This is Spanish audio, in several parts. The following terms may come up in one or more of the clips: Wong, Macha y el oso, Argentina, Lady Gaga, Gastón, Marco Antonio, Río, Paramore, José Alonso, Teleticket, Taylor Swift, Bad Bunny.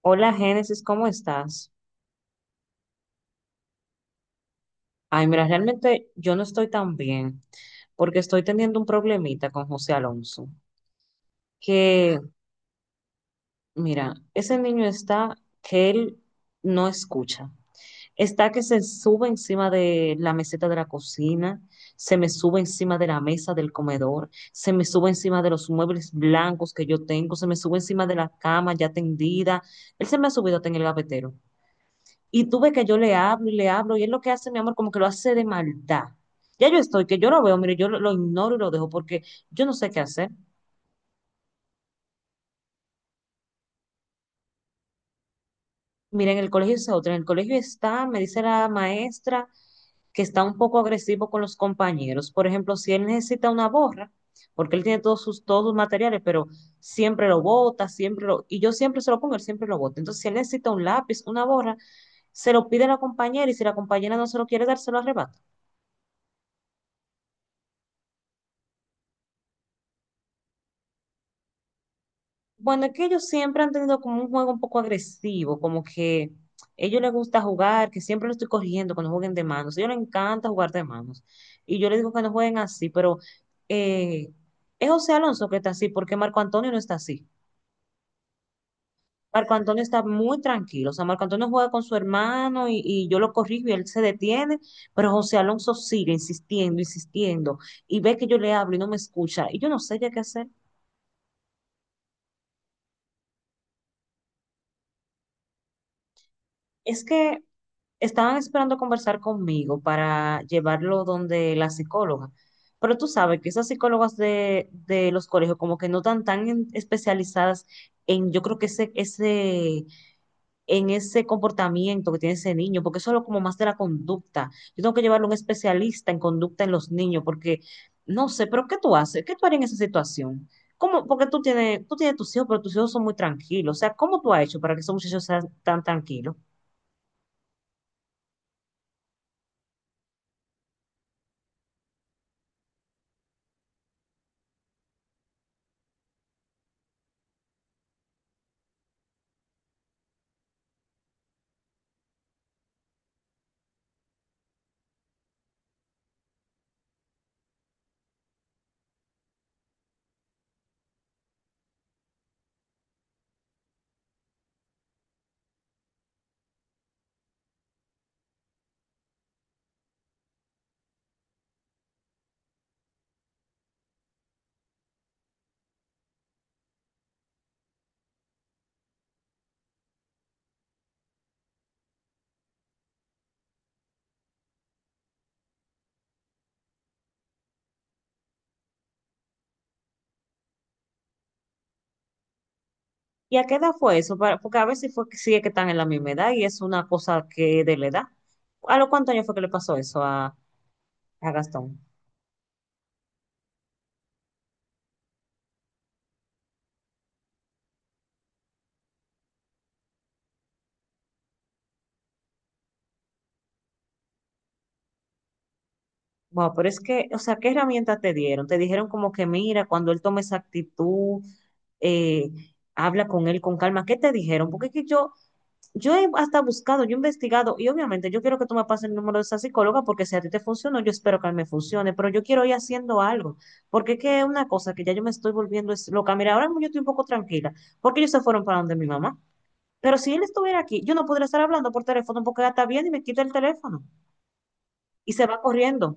Hola Génesis, ¿cómo estás? Ay, mira, realmente yo no estoy tan bien porque estoy teniendo un problemita con José Alonso, que mira, ese niño está que él no escucha, está que se sube encima de la meseta de la cocina, se me sube encima de la mesa del comedor, se me sube encima de los muebles blancos que yo tengo, se me sube encima de la cama ya tendida, él se me ha subido hasta en el gavetero. Y tú ves que yo le hablo, y él lo que hace, mi amor, como que lo hace de maldad. Ya yo estoy, que yo lo veo, mire, yo lo ignoro y lo dejo porque yo no sé qué hacer. Mira, en el colegio es otra, en el colegio está, me dice la maestra que está un poco agresivo con los compañeros. Por ejemplo, si él necesita una borra, porque él tiene todos sus materiales, pero siempre lo bota, y yo siempre se lo pongo, él siempre lo bota. Entonces, si él necesita un lápiz, una borra, se lo pide a la compañera y si la compañera no se lo quiere dar, se lo arrebata. Bueno, es que ellos siempre han tenido como un juego un poco agresivo, como que a ellos les gusta jugar, que siempre lo estoy corrigiendo cuando jueguen de manos. A ellos les encanta jugar de manos. Y yo les digo que no jueguen así, pero eh, es José Alonso que está así, porque Marco Antonio no está así. Marco Antonio está muy tranquilo. O sea, Marco Antonio juega con su hermano y yo lo corrijo y él se detiene, pero José Alonso sigue insistiendo, insistiendo, y ve que yo le hablo y no me escucha. Y yo no sé ya qué hacer. Es que estaban esperando conversar conmigo para llevarlo donde la psicóloga. Pero tú sabes que esas psicólogas de los colegios como que no están tan especializadas en, yo creo que ese, en ese comportamiento que tiene ese niño, porque eso es lo como más de la conducta. Yo tengo que llevarlo a un especialista en conducta en los niños, porque no sé, pero ¿qué tú haces? ¿Qué tú harías en esa situación? ¿Cómo? Porque tú tienes tus hijos, pero tus hijos son muy tranquilos. O sea, ¿cómo tú has hecho para que esos muchachos sean tan tranquilos? ¿Y a qué edad fue eso? Porque a veces fue que sí es que están en la misma edad y es una cosa que de la edad. ¿A los cuántos años fue que le pasó eso a Gastón? Wow, pero es que, o sea, ¿qué herramientas te dieron? Te dijeron como que mira, cuando él tome esa actitud, eh, habla con él con calma. ¿Qué te dijeron? Porque es que yo he hasta buscado, yo he investigado y obviamente yo quiero que tú me pases el número de esa psicóloga porque si a ti te funcionó, yo espero que a mí me funcione, pero yo quiero ir haciendo algo, porque es que es una cosa que ya yo me estoy volviendo es loca. Mira, ahora mismo yo estoy un poco tranquila porque ellos se fueron para donde mi mamá, pero si él estuviera aquí, yo no podría estar hablando por teléfono porque ella está bien y me quita el teléfono y se va corriendo.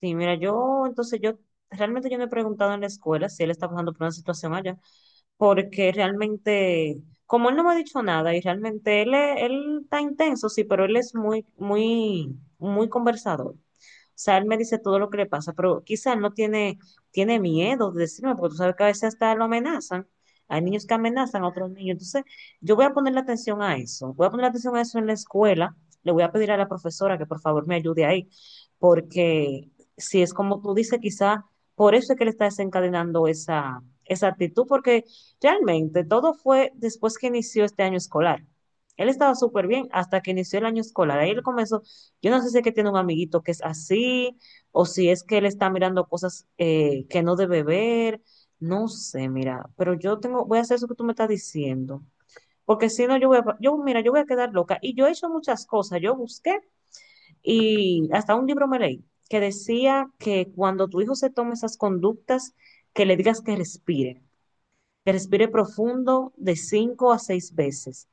Sí, mira, yo entonces yo realmente yo no he preguntado en la escuela si él está pasando por una situación allá, porque realmente, como él no me ha dicho nada y realmente él está intenso, sí, pero él es muy, muy, muy conversador sea, él me dice todo lo que le pasa, pero quizá él no tiene, tiene miedo de decirme, porque tú sabes que a veces hasta lo amenazan. Hay niños que amenazan a otros niños. Entonces, yo voy a ponerle atención a eso. Voy a poner atención a eso en la escuela. Le voy a pedir a la profesora que por favor me ayude ahí, porque si es como tú dices, quizá por eso es que le está desencadenando esa actitud, porque realmente todo fue después que inició este año escolar. Él estaba súper bien hasta que inició el año escolar. Ahí él comenzó, yo no sé si es que tiene un amiguito que es así, o si es que él está mirando cosas que no debe ver. No sé, mira, pero yo tengo, voy a hacer eso que tú me estás diciendo. Porque si no, mira, yo voy a quedar loca. Y yo he hecho muchas cosas. Yo busqué y hasta un libro me leí que decía que cuando tu hijo se tome esas conductas, que le digas que respire profundo de cinco a seis veces.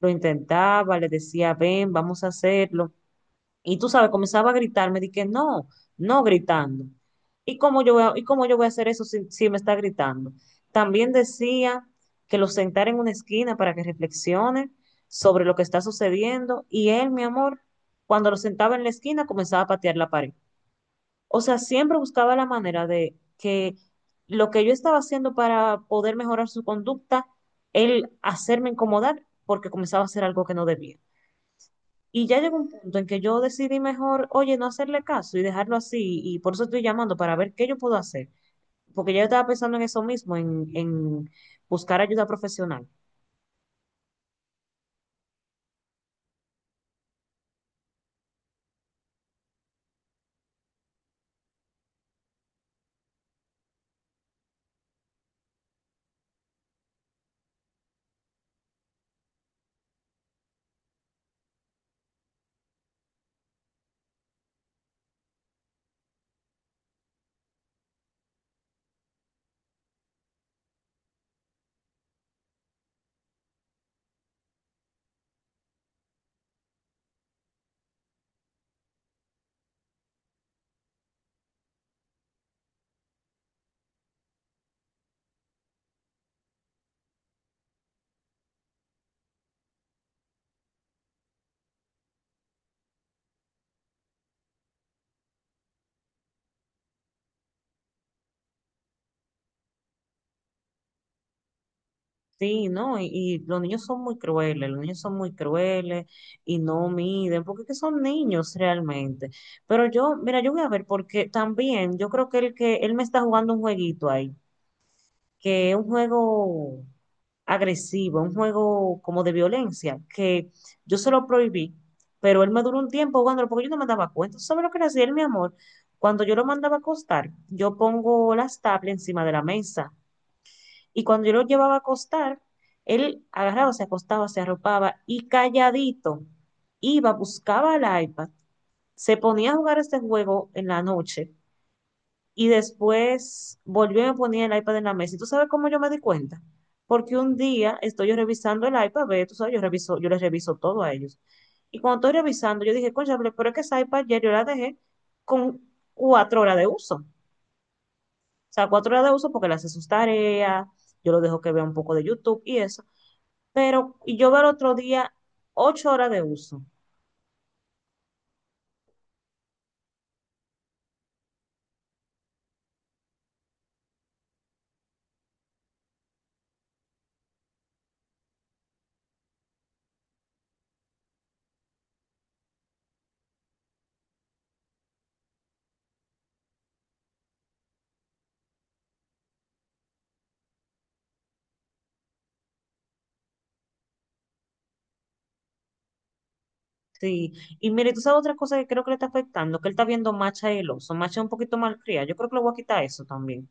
Lo intentaba, le decía, ven, vamos a hacerlo y tú sabes, comenzaba a gritarme, dije, no, no gritando. ¿Y cómo y cómo yo voy a hacer eso si me está gritando? También decía que lo sentara en una esquina para que reflexione sobre lo que está sucediendo. Y él, mi amor, cuando lo sentaba en la esquina, comenzaba a patear la pared. O sea, siempre buscaba la manera de que lo que yo estaba haciendo para poder mejorar su conducta, él hacerme incomodar porque comenzaba a hacer algo que no debía. Y ya llegó un punto en que yo decidí mejor, oye, no hacerle caso y dejarlo así. Y por eso estoy llamando para ver qué yo puedo hacer. Porque ya yo estaba pensando en eso mismo, en buscar ayuda profesional. Sí, ¿no? Y los niños son muy crueles, los niños son muy crueles y no miden, porque es que son niños realmente. Pero yo, mira, yo voy a ver, porque también yo creo que el que él me está jugando un jueguito ahí. Que es un juego agresivo, un juego como de violencia, que yo se lo prohibí, pero él me duró un tiempo jugándolo porque yo no me daba cuenta. ¿Tú ¿Sabes lo que era él, mi amor? Cuando yo lo mandaba a acostar, yo pongo las tablas encima de la mesa y cuando yo lo llevaba a acostar, él agarraba, se acostaba, se arropaba y calladito iba, buscaba el iPad, se ponía a jugar este juego en la noche y después volvió y me ponía el iPad en la mesa. ¿Y tú sabes cómo yo me di cuenta? Porque un día estoy yo revisando el iPad, ve, tú sabes, yo reviso, yo les reviso todo a ellos. Y cuando estoy revisando, yo dije, cónchale, pero es que esa iPad ayer yo la dejé con 4 horas de uso. O sea, 4 horas de uso porque le hace sus tareas, yo lo dejo que vea un poco de YouTube y eso. Pero y yo veo el otro día 8 horas de uso. Sí, y mire, tú sabes otra cosa que creo que le está afectando, que él está viendo Macha y el oso. Macha es un poquito malcriada. Yo creo que le voy a quitar eso también.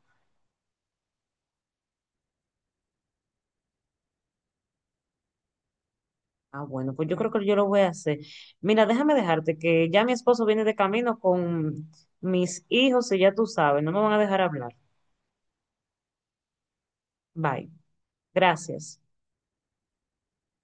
Ah, bueno, pues yo creo que yo lo voy a hacer. Mira, déjame dejarte que ya mi esposo viene de camino con mis hijos y ya tú sabes, no me van a dejar hablar. Bye. Gracias.